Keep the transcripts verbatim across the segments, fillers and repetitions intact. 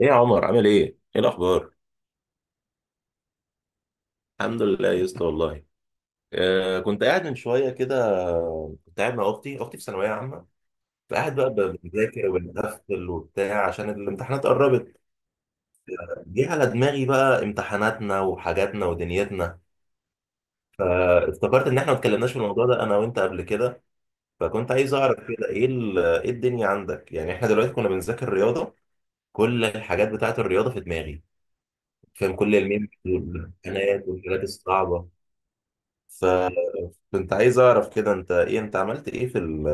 ايه يا عمر عامل ايه؟ ايه الاخبار؟ الحمد لله يا اسطى والله. آه كنت قاعد من شويه كده. كنت قاعد مع اختي اختي في ثانويه عامه، فقاعد بقى ب- بذاكر وبنقفل وبتاع عشان الامتحانات قربت. جه على دماغي بقى امتحاناتنا وحاجاتنا ودنيتنا، فافتكرت ان احنا ما اتكلمناش في الموضوع ده انا وانت قبل كده، فكنت عايز اعرف كده ايه ال- ايه الدنيا عندك؟ يعني احنا دلوقتي كنا بنذاكر رياضه، كل الحاجات بتاعت الرياضه في دماغي، فاهم، كل الميم والامتحانات والحاجات الصعبه. ف كنت عايز اعرف كده انت ايه، انت عملت ايه في ال...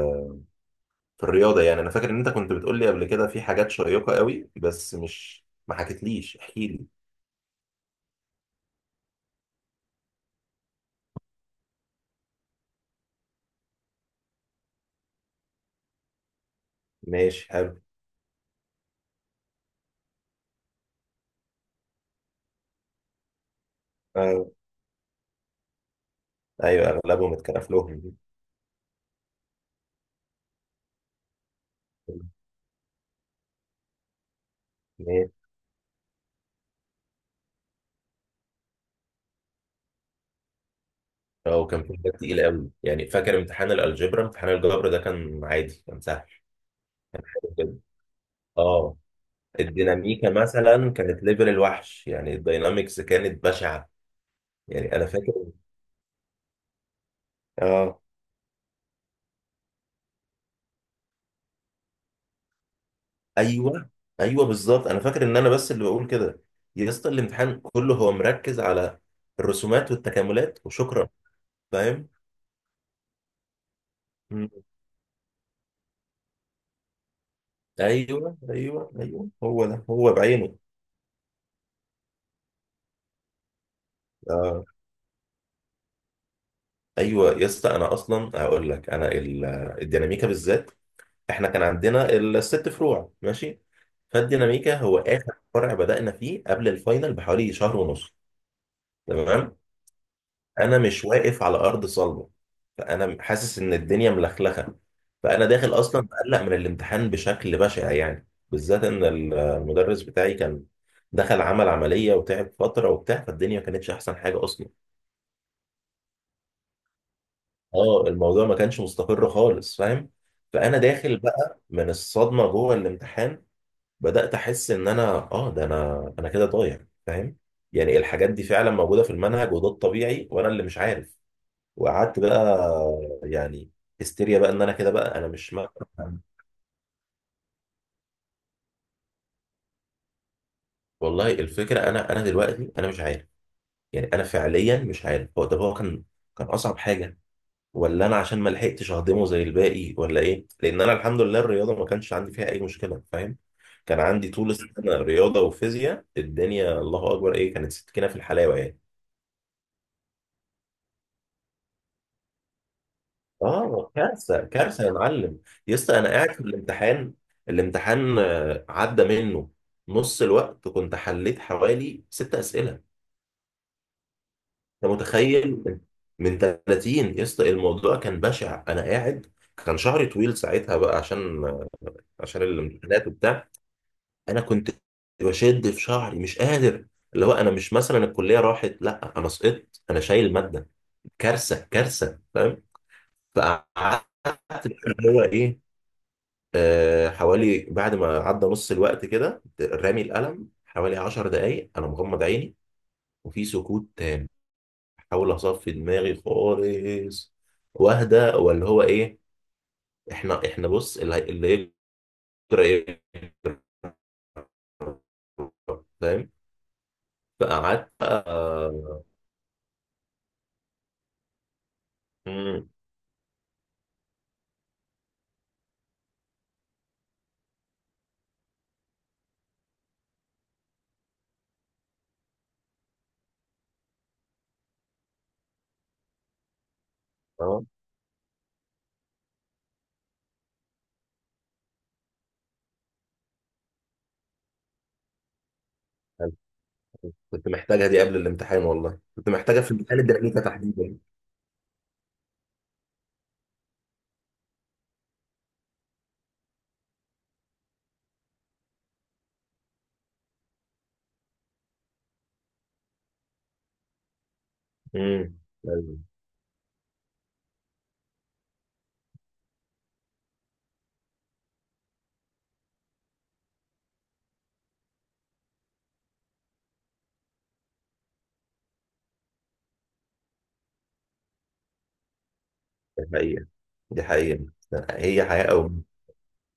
في الرياضه يعني. انا فاكر ان انت كنت بتقول لي قبل كده في حاجات شيقه قوي بس مش ما حكيتليش، احكي لي. ماشي، حلو. آه. ايوه، اغلبهم اتكرف لهم. ماشي. اه، وكان في حاجات تقيله قوي يعني، فاكر امتحان الالجبra، امتحان الجبر ده كان عادي، كان سهل كده. اه الديناميكا مثلا كانت ليفل الوحش يعني، الداينامكس كانت بشعه. يعني انا فاكر. اه ايوه ايوه، بالظبط. انا فاكر ان انا بس اللي بقول كده، يا اسطى الامتحان كله هو مركز على الرسومات والتكاملات وشكرا. فاهم. مم. ايوه ايوه ايوه، هو ده هو بعينه. آه. ايوه يا اسطى، انا اصلا هقول لك انا ال- الديناميكا بالذات، احنا كان عندنا الست فروع ماشي، فالديناميكا هو اخر فرع بدأنا فيه قبل الفاينل بحوالي شهر ونص. تمام. انا مش واقف على ارض صلبه، فانا حاسس ان الدنيا ملخلخه، فانا داخل اصلا مقلق من الامتحان بشكل بشع يعني، بالذات ان ال- المدرس بتاعي كان دخل عمل عمليه وتعب فتره وبتاع، فالدنيا ما كانتش احسن حاجه اصلا. اه، الموضوع ما كانش مستقر خالص فاهم. فانا داخل بقى من الصدمه جوه الامتحان، بدات احس ان انا، اه ده انا انا كده ضايع فاهم. يعني الحاجات دي فعلا موجوده في المنهج وده الطبيعي وانا اللي مش عارف. وقعدت بقى، يعني هستيريا بقى ان انا كده بقى انا مش ما. والله الفكره، انا انا دلوقتي انا مش عارف. يعني انا فعليا مش عارف هو، طب هو كان كان اصعب حاجه، ولا انا عشان ما لحقتش اهضمه زي الباقي، ولا ايه؟ لان انا الحمد لله الرياضه ما كانش عندي فيها اي مشكله فاهم. كان عندي طول السنه رياضه وفيزياء، الدنيا الله اكبر، ايه كانت، سكينه في الحلاوه يعني. اه كارثه كارثه يا معلم. يا اسطى انا قاعد في الامتحان، الامتحان آه، عدى منه نص الوقت، كنت حليت حوالي ست اسئله. انت متخيل؟ من ثلاثين. يا اسطى الموضوع كان بشع. انا قاعد، كان شعري طويل ساعتها بقى عشان، عشان الامتحانات وبتاع، انا كنت بشد في شعري، مش قادر، اللي هو انا مش مثلا الكليه راحت، لا انا سقطت، انا شايل ماده، كارثه كارثه فاهم. فقعدت اللي هو ايه، آه، حوالي بعد ما عدى نص الوقت كده، رامي القلم حوالي عشر دقايق، انا مغمض عيني، وفي سكوت تام، بحاول اصفي دماغي خالص واهدى، ولا هو ايه. احنا احنا بص، اللي هي- اللي يجرى ايه، فاهم. فقعدت بقى. آه، مم، اه كنت محتاجها دي قبل الامتحان، والله كنت محتاجها في امتحان الدراسة تحديدا. امم أيوة. دي حقيقة، دي حقيقة. هي حياة أو موت.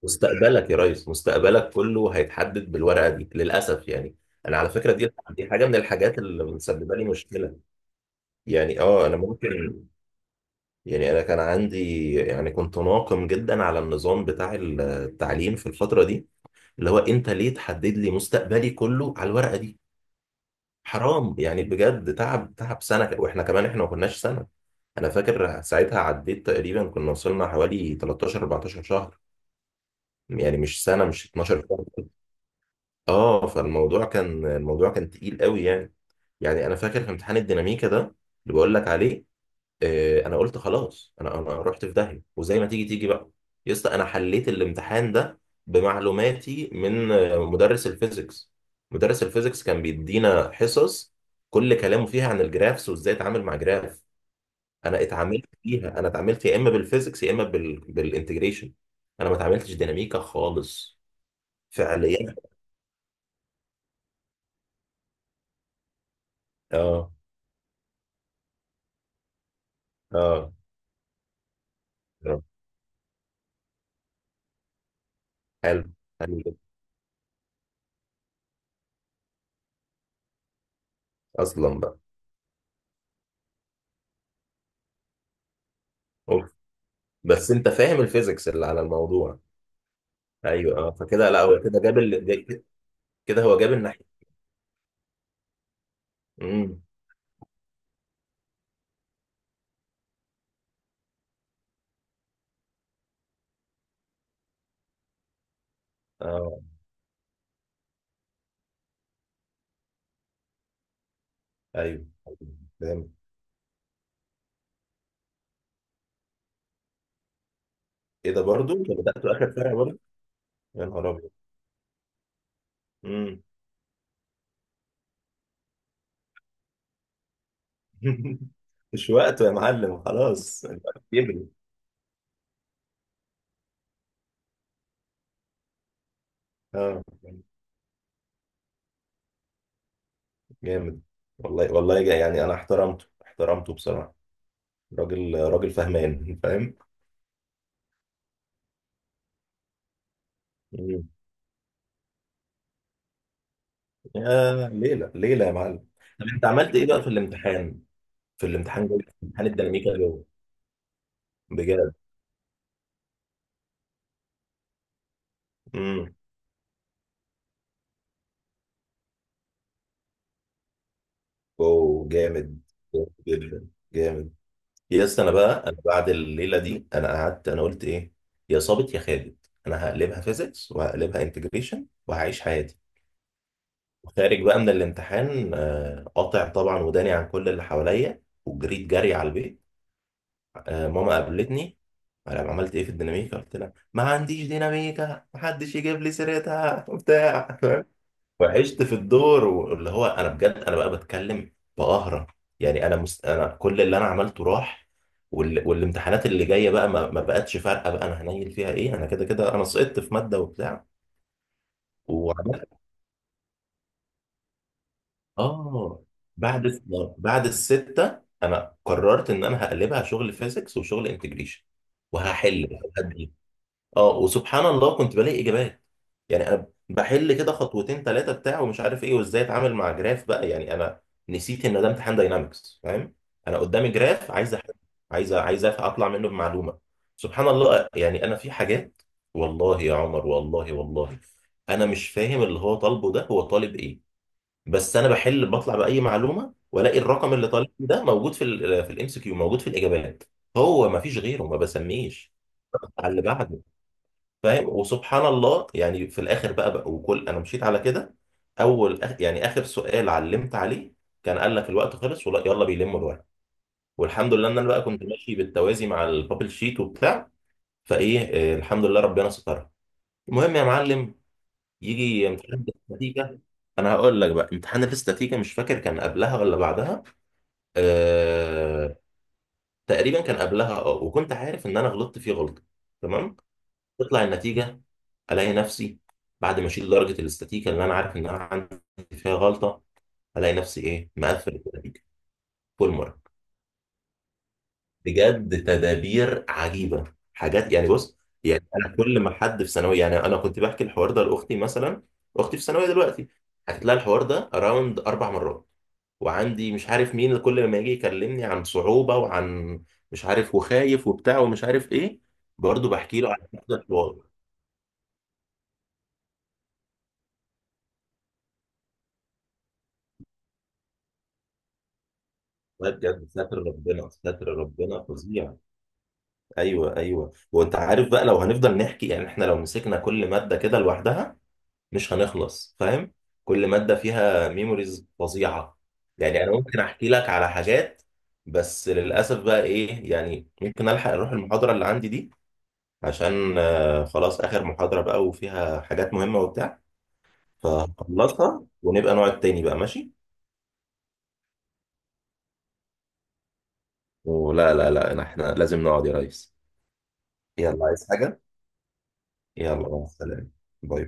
مستقبلك يا ريس، مستقبلك كله هيتحدد بالورقه دي للاسف يعني. انا على فكره دي دي حاجه من الحاجات اللي مسببه لي مشكله، يعني اه انا ممكن، يعني انا كان عندي، يعني كنت ناقم جدا على النظام بتاع التعليم في الفتره دي، اللي هو انت ليه تحدد لي مستقبلي كله على الورقه دي؟ حرام يعني، بجد، تعب تعب سنه، واحنا كمان احنا ما كناش سنه، انا فاكر ساعتها عديت تقريبا كنا وصلنا حوالي تلاتاشر اربعتاشر شهر، يعني مش سنه، مش اتناشر شهر. اه، فالموضوع كان، الموضوع كان تقيل قوي يعني. يعني انا فاكر في امتحان الديناميكا ده اللي بقول لك عليه، آه انا قلت خلاص، انا انا رحت في داهيه وزي ما تيجي تيجي بقى. يا اسطى انا حليت الامتحان ده بمعلوماتي من آه، مدرس الفيزيكس. مدرس الفيزيكس كان بيدينا حصص كل كلامه فيها عن الجرافس وازاي اتعامل مع جراف. انا اتعاملت فيها انا اتعاملت يا اما بالفيزيكس يا اما بال... بالانتجريشن، انا ما اتعاملتش ديناميكا خالص فعليا. اه. اه، حلو، حلو جدا. اصلا بقى، اوف. بس انت فاهم الفيزيكس اللي على الموضوع. ايوه، اه فكده لا، هو كده جاب ال... كده هو جاب الناحيه. امم اه ايوه فاهم. ايه ده برضو، انت بدات اخر فرع برضو؟ يا نهار ابيض. امم مش وقته يا معلم، خلاص الوقت بيجري. اه جامد. والله والله، جا- يعني انا احترمته، احترمته بصراحه، راجل، راجل فهمان فاهم. مم. يا ليلى ليلى يا معلم. طب انت عملت ايه بقى في الامتحان، في الامتحان، جوه امتحان الديناميكا جوه؟ بجد؟ امم اوه جامد، جامد جدا، جامد. يا اسطى انا بقى، انا بعد الليله دي انا قعدت انا قلت ايه، يا صابت يا خابت، انا هقلبها فيزيكس وهقلبها انتجريشن وهعيش حياتي. وخارج بقى من الامتحان، آه، قاطع طبعا وداني عن كل اللي حواليا وجريت جري على البيت. آه، ماما قابلتني، انا عملت ايه في الديناميكا؟ قلت لها ما عنديش ديناميكا، محدش يجيب لي سيرتها وبتاع وعشت في الدور واللي هو انا بجد انا بقى بتكلم بقهرة. يعني انا مست... انا كل اللي انا عملته راح، وال... والامتحانات اللي جايه بقى ما, ما بقتش فارقه بقى، انا هنيل فيها ايه؟ انا كده كده انا سقطت في ماده وبتاع. وعملت، اه، بعد الس- بعد السته انا قررت ان انا هقلبها شغل فيزيكس وشغل انتجريشن وهحل. اه، وسبحان الله كنت بلاقي اجابات، يعني انا بحل كده خطوتين ثلاثه بتاع ومش عارف ايه وازاي اتعامل مع جراف بقى يعني. انا نسيت ان ده امتحان داينامكس فاهم، انا قدامي جراف عايز أحل، عايز عايز أف- اطلع منه بمعلومه. سبحان الله يعني، انا في حاجات، والله يا عمر والله والله، انا مش فاهم اللي هو طالبه ده هو طالب ايه، بس انا بحل بطلع باي معلومه والاقي الرقم اللي طالب ده موجود في ال في الام سي كيو، موجود في الاجابات، هو ما فيش غيره، ما بسميش على اللي بعده، فاهم. وسبحان الله يعني في الاخر بقى، بقى وكل انا مشيت على كده. اول آخ- يعني اخر سؤال علمت عليه كان قال لك الوقت خلص ولا يلا بيلموا الورق. والحمد لله ان انا بقى كنت ماشي بالتوازي مع البابل شيت وبتاع، فايه، آه، الحمد لله ربنا سترها. المهم يا معلم، يجي امتحان الاستاتيكا، انا هقول لك بقى امتحان الاستاتيكا مش فاكر كان قبلها ولا بعدها، أه... تقريبا كان قبلها، اه، وكنت عارف ان انا غلطت فيه غلطه. تمام، تطلع النتيجة، ألاقي نفسي بعد ما أشيل درجة الاستاتيكا اللي أنا عارف إن أنا عندي فيها غلطة، ألاقي نفسي إيه، مقفل النتيجة، فول مارك. بجد تدابير عجيبة، حاجات يعني بص. يعني أنا كل ما حد في ثانوية، يعني أنا كنت بحكي الحوار ده لأختي مثلا، أختي في ثانوية دلوقتي، حكيت لها الحوار ده أراوند أربع مرات، وعندي مش عارف مين كل ما يجي يكلمني عن صعوبة وعن مش عارف وخايف وبتاع ومش عارف إيه، برضه بحكي له عن نفس الحوار. والله بجد ستر ربنا، ستر ربنا فظيع. ايوه ايوه، وانت عارف بقى لو هنفضل نحكي، يعني احنا لو مسكنا كل ماده كده لوحدها مش هنخلص فاهم، كل ماده فيها ميموريز فظيعه. يعني انا ممكن احكي لك على حاجات، بس للاسف بقى ايه، يعني ممكن الحق اروح المحاضره اللي عندي دي عشان آه، خلاص اخر محاضره بقى وفيها حاجات مهمه وبتاع، فهخلصها ونبقى نقعد تاني بقى ماشي. ولا لا لا، احنا لازم نقعد يا ريس. يلا عايز حاجه؟ يلا مع السلامة، باي.